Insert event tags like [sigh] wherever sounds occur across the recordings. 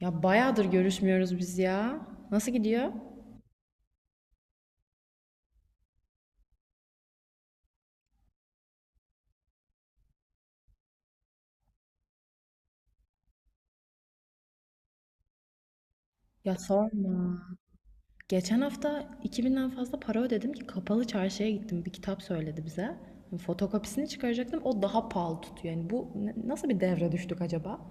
Ya bayağıdır görüşmüyoruz biz ya. Nasıl gidiyor? Ya sorma. Geçen hafta 2000'den fazla para ödedim ki kapalı çarşıya gittim. Bir kitap söyledi bize. Fotokopisini çıkaracaktım. O daha pahalı tutuyor. Yani bu nasıl bir devre düştük acaba?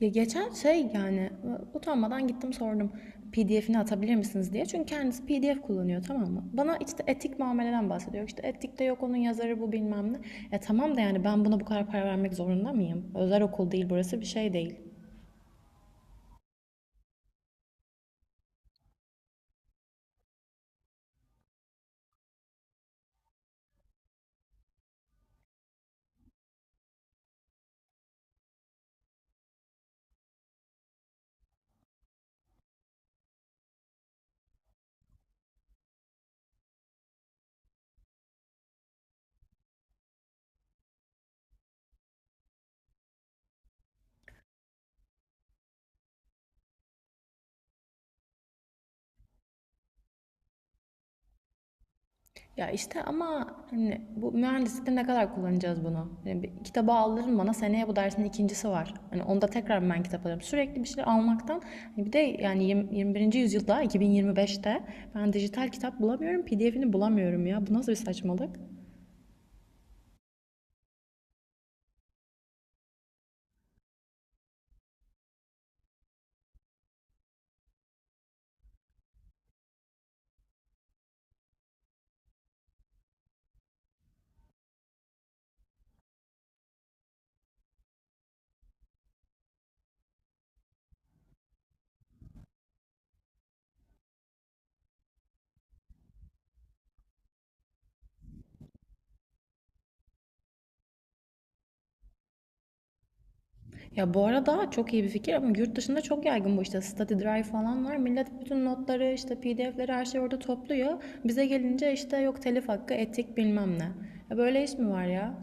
Ya geçen şey yani utanmadan gittim sordum. PDF'ini atabilir misiniz diye. Çünkü kendisi PDF kullanıyor, tamam mı? Bana işte etik muameleden bahsediyor. İşte etikte yok, onun yazarı bu bilmem ne. E tamam da yani ben buna bu kadar para vermek zorunda mıyım? Özel okul değil burası, bir şey değil. Ya işte ama hani bu mühendislikte ne kadar kullanacağız bunu? Yani bir kitabı aldırın bana, seneye bu dersin ikincisi var. Hani onda tekrar ben kitap alırım. Sürekli bir şeyler almaktan hani bir de yani 21. yüzyılda 2025'te ben dijital kitap bulamıyorum, PDF'ini bulamıyorum ya. Bu nasıl bir saçmalık? Ya bu arada çok iyi bir fikir ama yurt dışında çok yaygın bu işte. Study Drive falan var. Millet bütün notları işte PDF'leri her şeyi orada topluyor. Bize gelince işte yok telif hakkı, etik bilmem ne. Ya böyle iş mi var ya?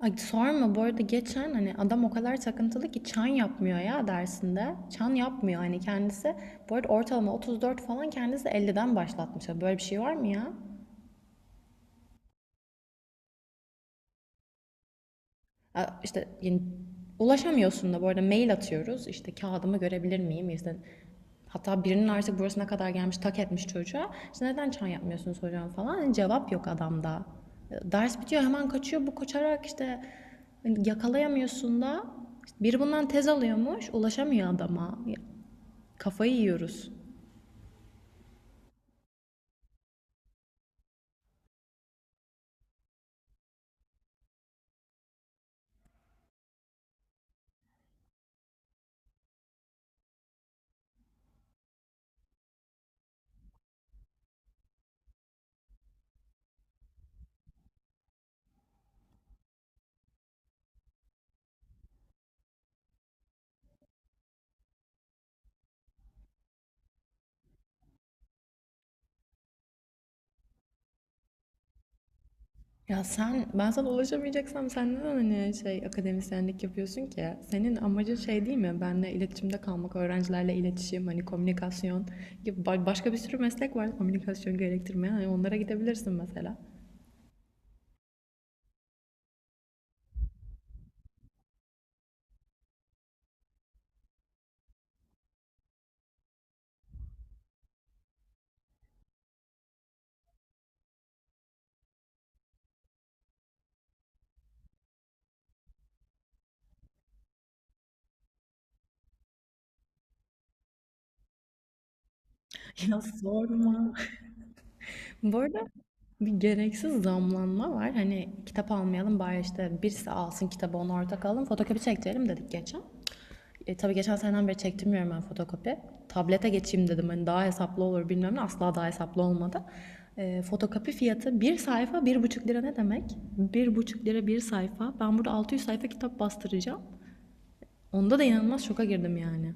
Ay sorma, bu arada geçen hani adam o kadar takıntılı ki çan yapmıyor ya dersinde. Çan yapmıyor hani kendisi. Bu arada ortalama 34 falan, kendisi 50'den başlatmış. Ya böyle bir şey var mı ya? Ha, İşte yani ulaşamıyorsun da, bu arada mail atıyoruz. İşte kağıdımı görebilir miyim? İşte hatta birinin artık burasına kadar gelmiş, tak etmiş çocuğa. İşte neden çay yapmıyorsunuz hocam falan. Yani cevap yok adamda. Ders bitiyor, hemen kaçıyor. Bu kaçarak işte hani yakalayamıyorsun da. İşte biri bundan tez alıyormuş. Ulaşamıyor adama. Kafayı yiyoruz. Ya sen, ben sana ulaşamayacaksam sen neden hani şey akademisyenlik yapıyorsun ki? Senin amacın şey değil mi? Benle iletişimde kalmak, öğrencilerle iletişim, hani komünikasyon gibi başka bir sürü meslek var komünikasyon gerektirmeyen. Hani onlara gidebilirsin mesela. [laughs] Ya sorma. Bu arada bir gereksiz zamlanma var. Hani kitap almayalım bari, işte birisi alsın kitabı onu ortak alalım. Fotokopi çektirelim dedik geçen. Tabii geçen seneden beri çektirmiyorum ben fotokopi. Tablete geçeyim dedim hani, daha hesaplı olur bilmem ne. Asla daha hesaplı olmadı. Fotokopi fiyatı bir sayfa 1,5 lira ne demek? 1,5 lira bir sayfa. Ben burada 600 sayfa kitap bastıracağım. Onda da inanılmaz şoka girdim yani.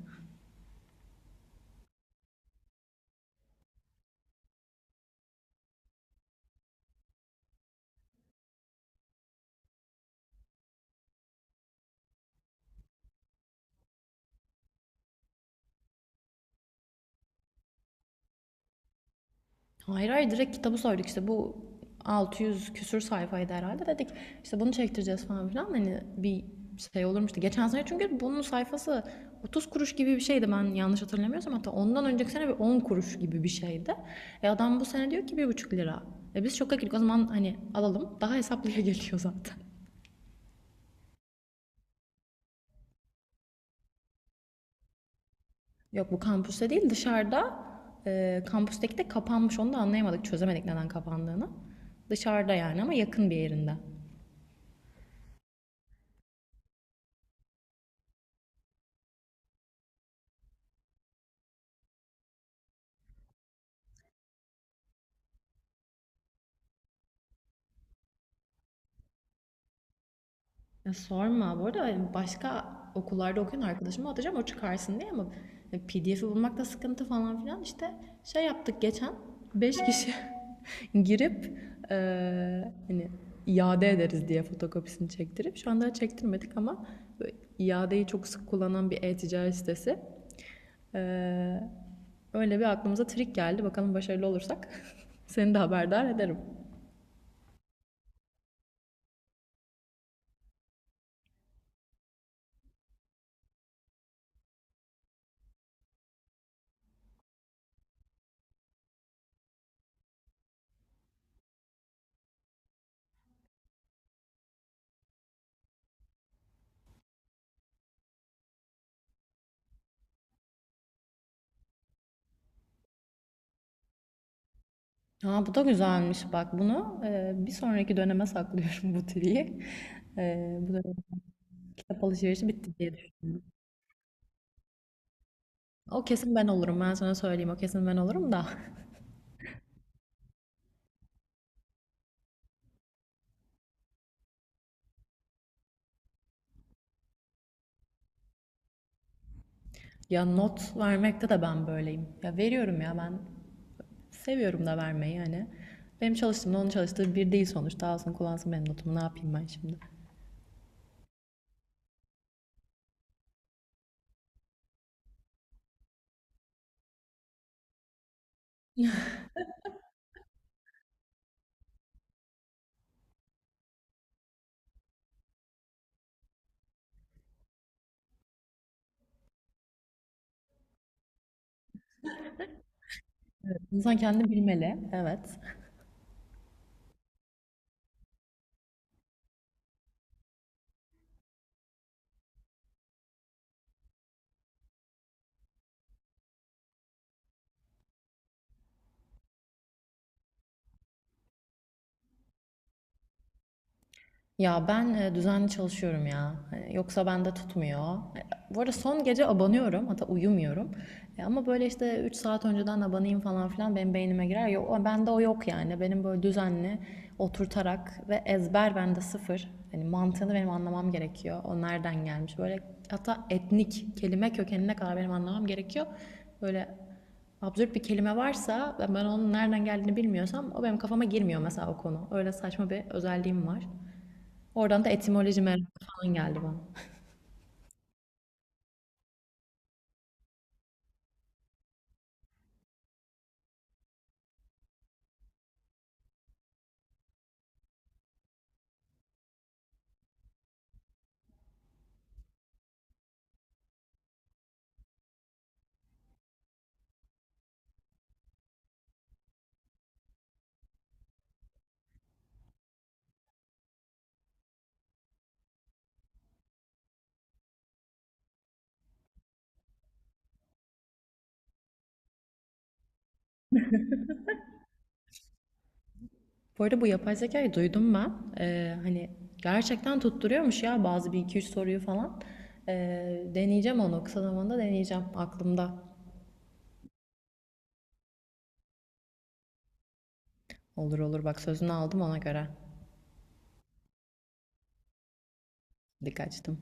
Hayır, hayır, direkt kitabı söyledik işte bu 600 küsür sayfaydı herhalde dedik, işte bunu çektireceğiz falan filan, hani bir şey olurmuştu. Geçen sene çünkü bunun sayfası 30 kuruş gibi bir şeydi, ben yanlış hatırlamıyorsam, hatta ondan önceki sene bir 10 kuruş gibi bir şeydi. E adam bu sene diyor ki 1,5 lira. E biz şoka girdik o zaman, hani alalım daha hesaplıya [laughs] geliyor zaten. Yok, bu kampüste değil dışarıda, kampüsteki de kapanmış, onu da anlayamadık çözemedik neden kapandığını. Dışarıda yani, ama yakın bir yerinde. Ya sorma. Bu arada hani, başka okullarda okuyan arkadaşıma atacağım o çıkarsın diye, ama PDF'i bulmakta sıkıntı falan filan işte şey yaptık geçen 5 kişi [laughs] girip hani iade ederiz diye fotokopisini çektirip şu anda çektirmedik ama böyle iadeyi çok sık kullanan bir e-ticaret sitesi. Eee, öyle bir aklımıza trik geldi. Bakalım başarılı olursak [laughs] seni de haberdar ederim. Ha, bu da güzelmiş bak, bunu bir sonraki döneme saklıyorum [laughs] bu triyi. Bu dönem kitap alışverişi bitti diye düşünüyorum. O kesin ben olurum, ben sana söyleyeyim, o kesin ben olurum da. [laughs] Ya not vermekte de ben böyleyim. Ya veriyorum, ya ben seviyorum da vermeyi hani. Benim çalıştığımda onun çalıştığı bir değil, sonuçta alsın kullansın benim notumu, ne yapayım ben şimdi. İnsan kendini bilmeli, evet. Ya ben düzenli çalışıyorum ya. Hani yoksa bende tutmuyor. Bu arada son gece abanıyorum. Hatta uyumuyorum. Ama böyle işte 3 saat önceden abanayım falan filan benim beynime girer. Yok, bende o yok yani. Benim böyle düzenli oturtarak ve ezber bende sıfır. Hani mantığını benim anlamam gerekiyor. O nereden gelmiş? Böyle hatta etnik kelime kökenine kadar benim anlamam gerekiyor. Böyle absürt bir kelime varsa ve ben onun nereden geldiğini bilmiyorsam o benim kafama girmiyor mesela o konu. Öyle saçma bir özelliğim var. Oradan da etimoloji merakı falan geldi bana. Bu arada bu yapay zekayı duydum ben. Hani gerçekten tutturuyormuş ya bazı bir iki üç soruyu falan. Deneyeceğim onu kısa zamanda deneyeceğim. Aklımda. Olur olur, bak sözünü aldım ona göre. Dikkat ettim.